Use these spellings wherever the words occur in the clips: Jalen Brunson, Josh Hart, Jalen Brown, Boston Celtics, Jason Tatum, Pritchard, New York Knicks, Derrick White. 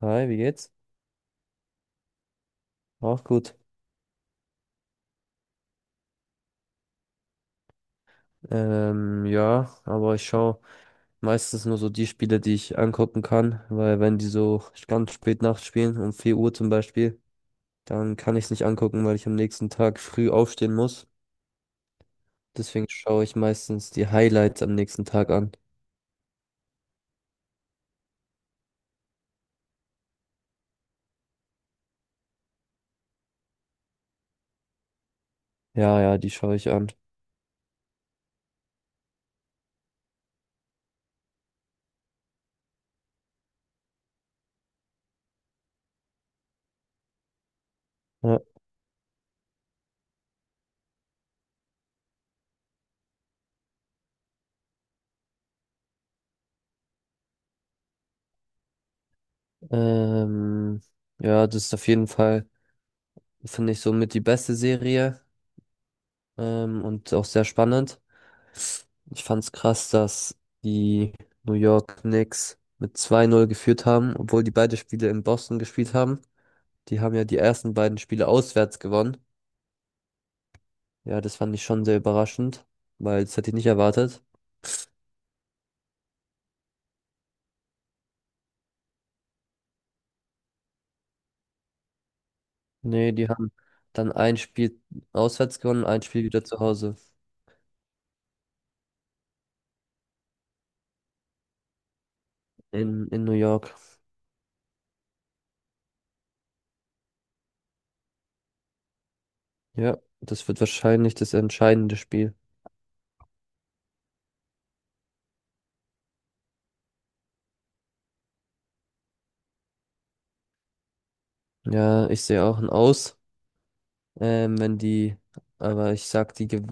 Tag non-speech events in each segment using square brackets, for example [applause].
Hi, wie geht's? Auch gut. Ja, aber ich schaue meistens nur so die Spiele, die ich angucken kann, weil wenn die so ganz spät nachts spielen, um 4 Uhr zum Beispiel, dann kann ich es nicht angucken, weil ich am nächsten Tag früh aufstehen muss. Deswegen schaue ich meistens die Highlights am nächsten Tag an. Ja, ja, die schaue ich an. Ja. Ähm, ja, das ist auf jeden Fall, finde ich, somit die beste Serie, und auch sehr spannend. Ich fand's krass, dass die New York Knicks mit 2:0 geführt haben, obwohl die beide Spiele in Boston gespielt haben. Die haben ja die ersten beiden Spiele auswärts gewonnen. Ja, das fand ich schon sehr überraschend, weil das hätte ich nicht erwartet. Nee, die haben dann ein Spiel auswärts gewonnen, ein Spiel wieder zu Hause in New York. Ja, das wird wahrscheinlich das entscheidende Spiel. Ja, ich sehe auch ein Aus, wenn die, aber ich sag,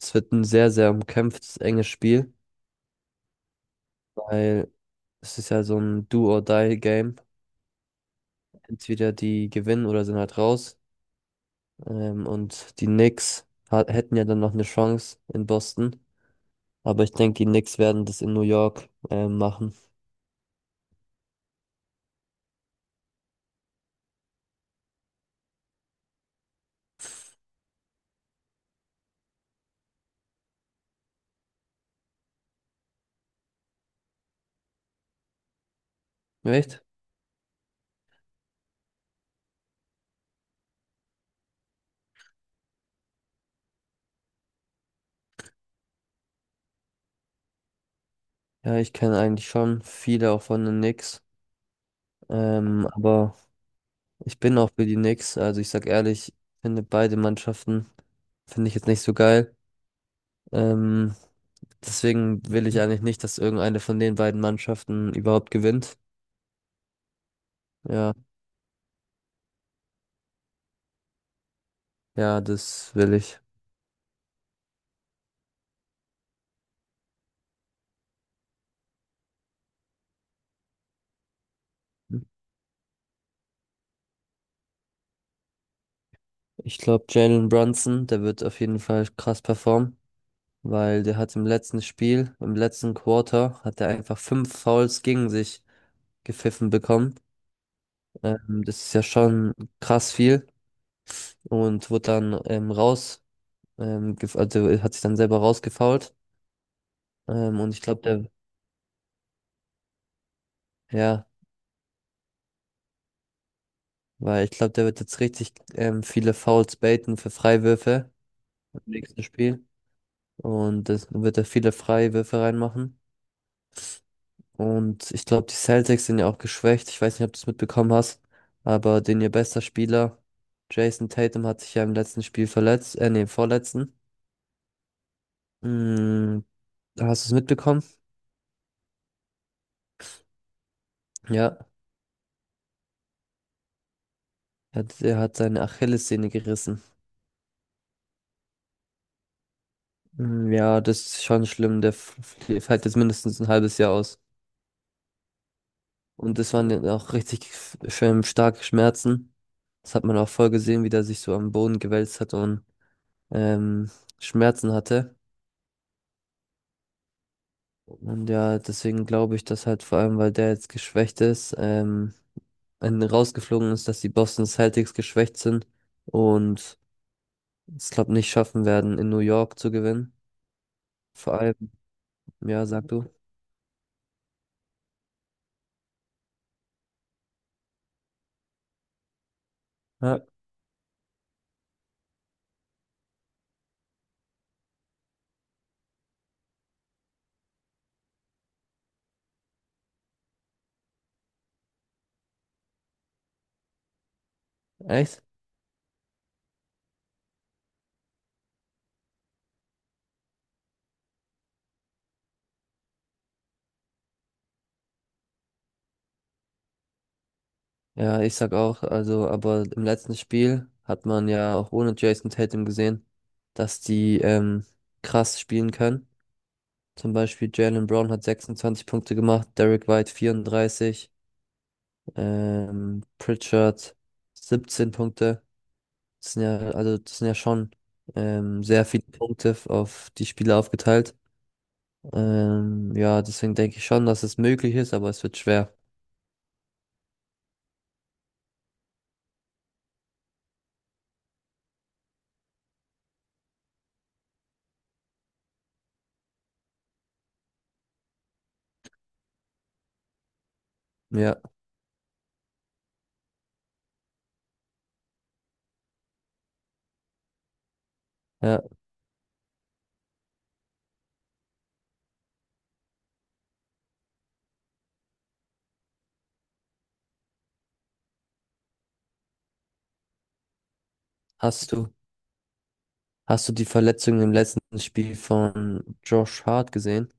es wird ein sehr, sehr umkämpftes, enges Spiel. Weil es ist ja so ein Do-or-Die-Game. Entweder die gewinnen oder sind halt raus. Und die Knicks hätten ja dann noch eine Chance in Boston. Aber ich denke, die Knicks werden das in New York machen. Echt? Ja, ich kenne eigentlich schon viele auch von den Knicks. Aber ich bin auch für die Knicks. Also ich sag ehrlich, finde beide Mannschaften, finde ich jetzt nicht so geil. Ähm, deswegen will ich eigentlich nicht, dass irgendeine von den beiden Mannschaften überhaupt gewinnt. Ja. Ja, das will ich. Ich glaube, Jalen Brunson, der wird auf jeden Fall krass performen, weil der hat im letzten Spiel, im letzten Quarter, hat er einfach fünf Fouls gegen sich gepfiffen bekommen. Das ist ja schon krass viel und wurde dann raus, also er hat sich dann selber rausgefoult. Und ich glaube, der, ja, weil ich glaube, der wird jetzt richtig viele Fouls baiten für Freiwürfe im nächsten Spiel und das wird er viele Freiwürfe reinmachen. Und ich glaube, die Celtics sind ja auch geschwächt. Ich weiß nicht, ob du es mitbekommen hast, aber den ihr bester Spieler, Jason Tatum, hat sich ja im letzten Spiel verletzt, nee, im vorletzten. Mm, Hast du es mitbekommen? Ja, er hat seine Achillessehne gerissen. Mm, ja, das ist schon schlimm. Der fällt jetzt mindestens ein halbes Jahr aus. Und das waren dann auch richtig schön starke Schmerzen. Das hat man auch voll gesehen, wie der sich so am Boden gewälzt hat und ähm, Schmerzen hatte. Und ja, deswegen glaube ich, dass halt vor allem, weil der jetzt geschwächt ist, rausgeflogen ist, dass die Boston Celtics geschwächt sind und es, glaube nicht schaffen werden, in New York zu gewinnen. Vor allem, ja, sag du. Ja, echt? Ja, ich sag auch, also, aber im letzten Spiel hat man ja auch ohne Jason Tatum gesehen, dass die krass spielen können. Zum Beispiel Jalen Brown hat 26 Punkte gemacht, Derrick White 34. Pritchard 17 Punkte. Das sind ja, also das sind ja schon sehr viele Punkte auf die Spieler aufgeteilt. Ja, deswegen denke ich schon, dass es möglich ist, aber es wird schwer. Ja, ja. Hast du, hast du die Verletzung im letzten Spiel von Josh Hart gesehen?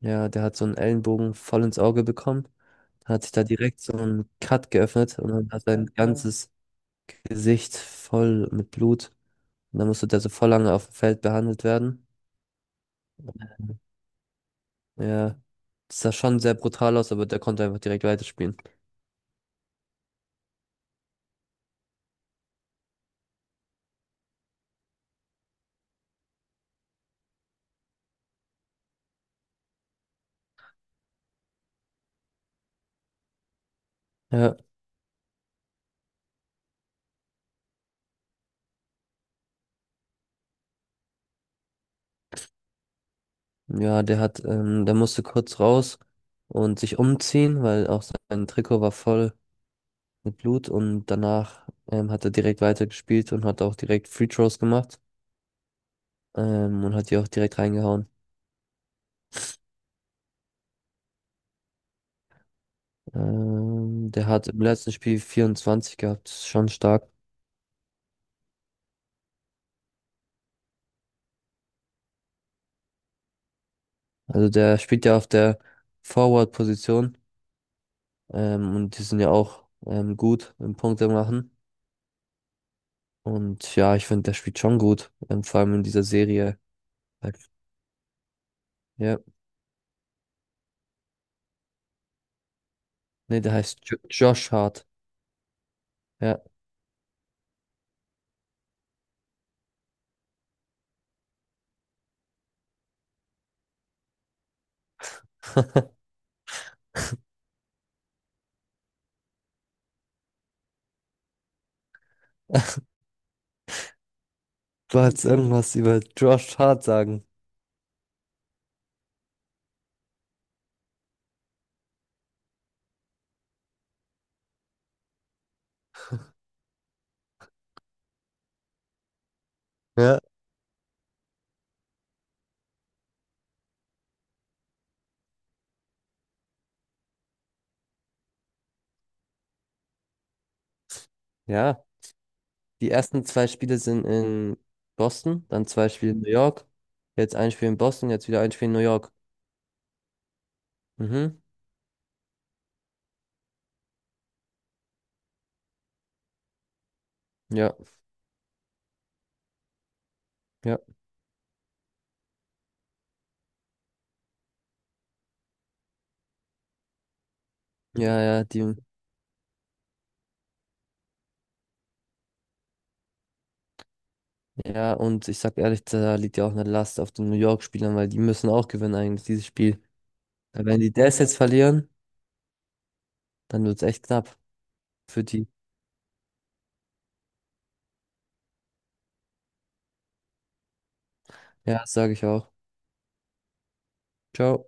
Ja, der hat so einen Ellenbogen voll ins Auge bekommen. Hat sich da direkt so einen Cut geöffnet und dann hat sein ganzes Gesicht voll mit Blut. Und dann musste der so voll lange auf dem Feld behandelt werden. Ja, das sah schon sehr brutal aus, aber der konnte einfach direkt weiterspielen. Ja, ja, der musste kurz raus und sich umziehen, weil auch sein Trikot war voll mit Blut und danach hat er direkt weitergespielt und hat auch direkt Free Throws gemacht, und hat die auch direkt reingehauen. Der hat im letzten Spiel 24 gehabt, das ist schon stark. Also der spielt ja auf der Forward-Position, und die sind ja auch gut im Punkte machen. Und ja, ich finde, der spielt schon gut. Vor allem in dieser Serie. Halt, ja, nee, der heißt jo Josh Hart. Ja. [laughs] Du wolltest irgendwas über Josh Hart sagen. Ja. Ja, die ersten zwei Spiele sind in Boston, dann zwei Spiele in New York. Jetzt ein Spiel in Boston, jetzt wieder ein Spiel in New York. Mhm. Ja, ja, ja, ja, die, ja, und ich sag ehrlich, da liegt ja auch eine Last auf den New York-Spielern, weil die müssen auch gewinnen eigentlich, dieses Spiel. Weil wenn die das jetzt verlieren, dann wird's echt knapp für die. Ja, sage ich auch. Ciao.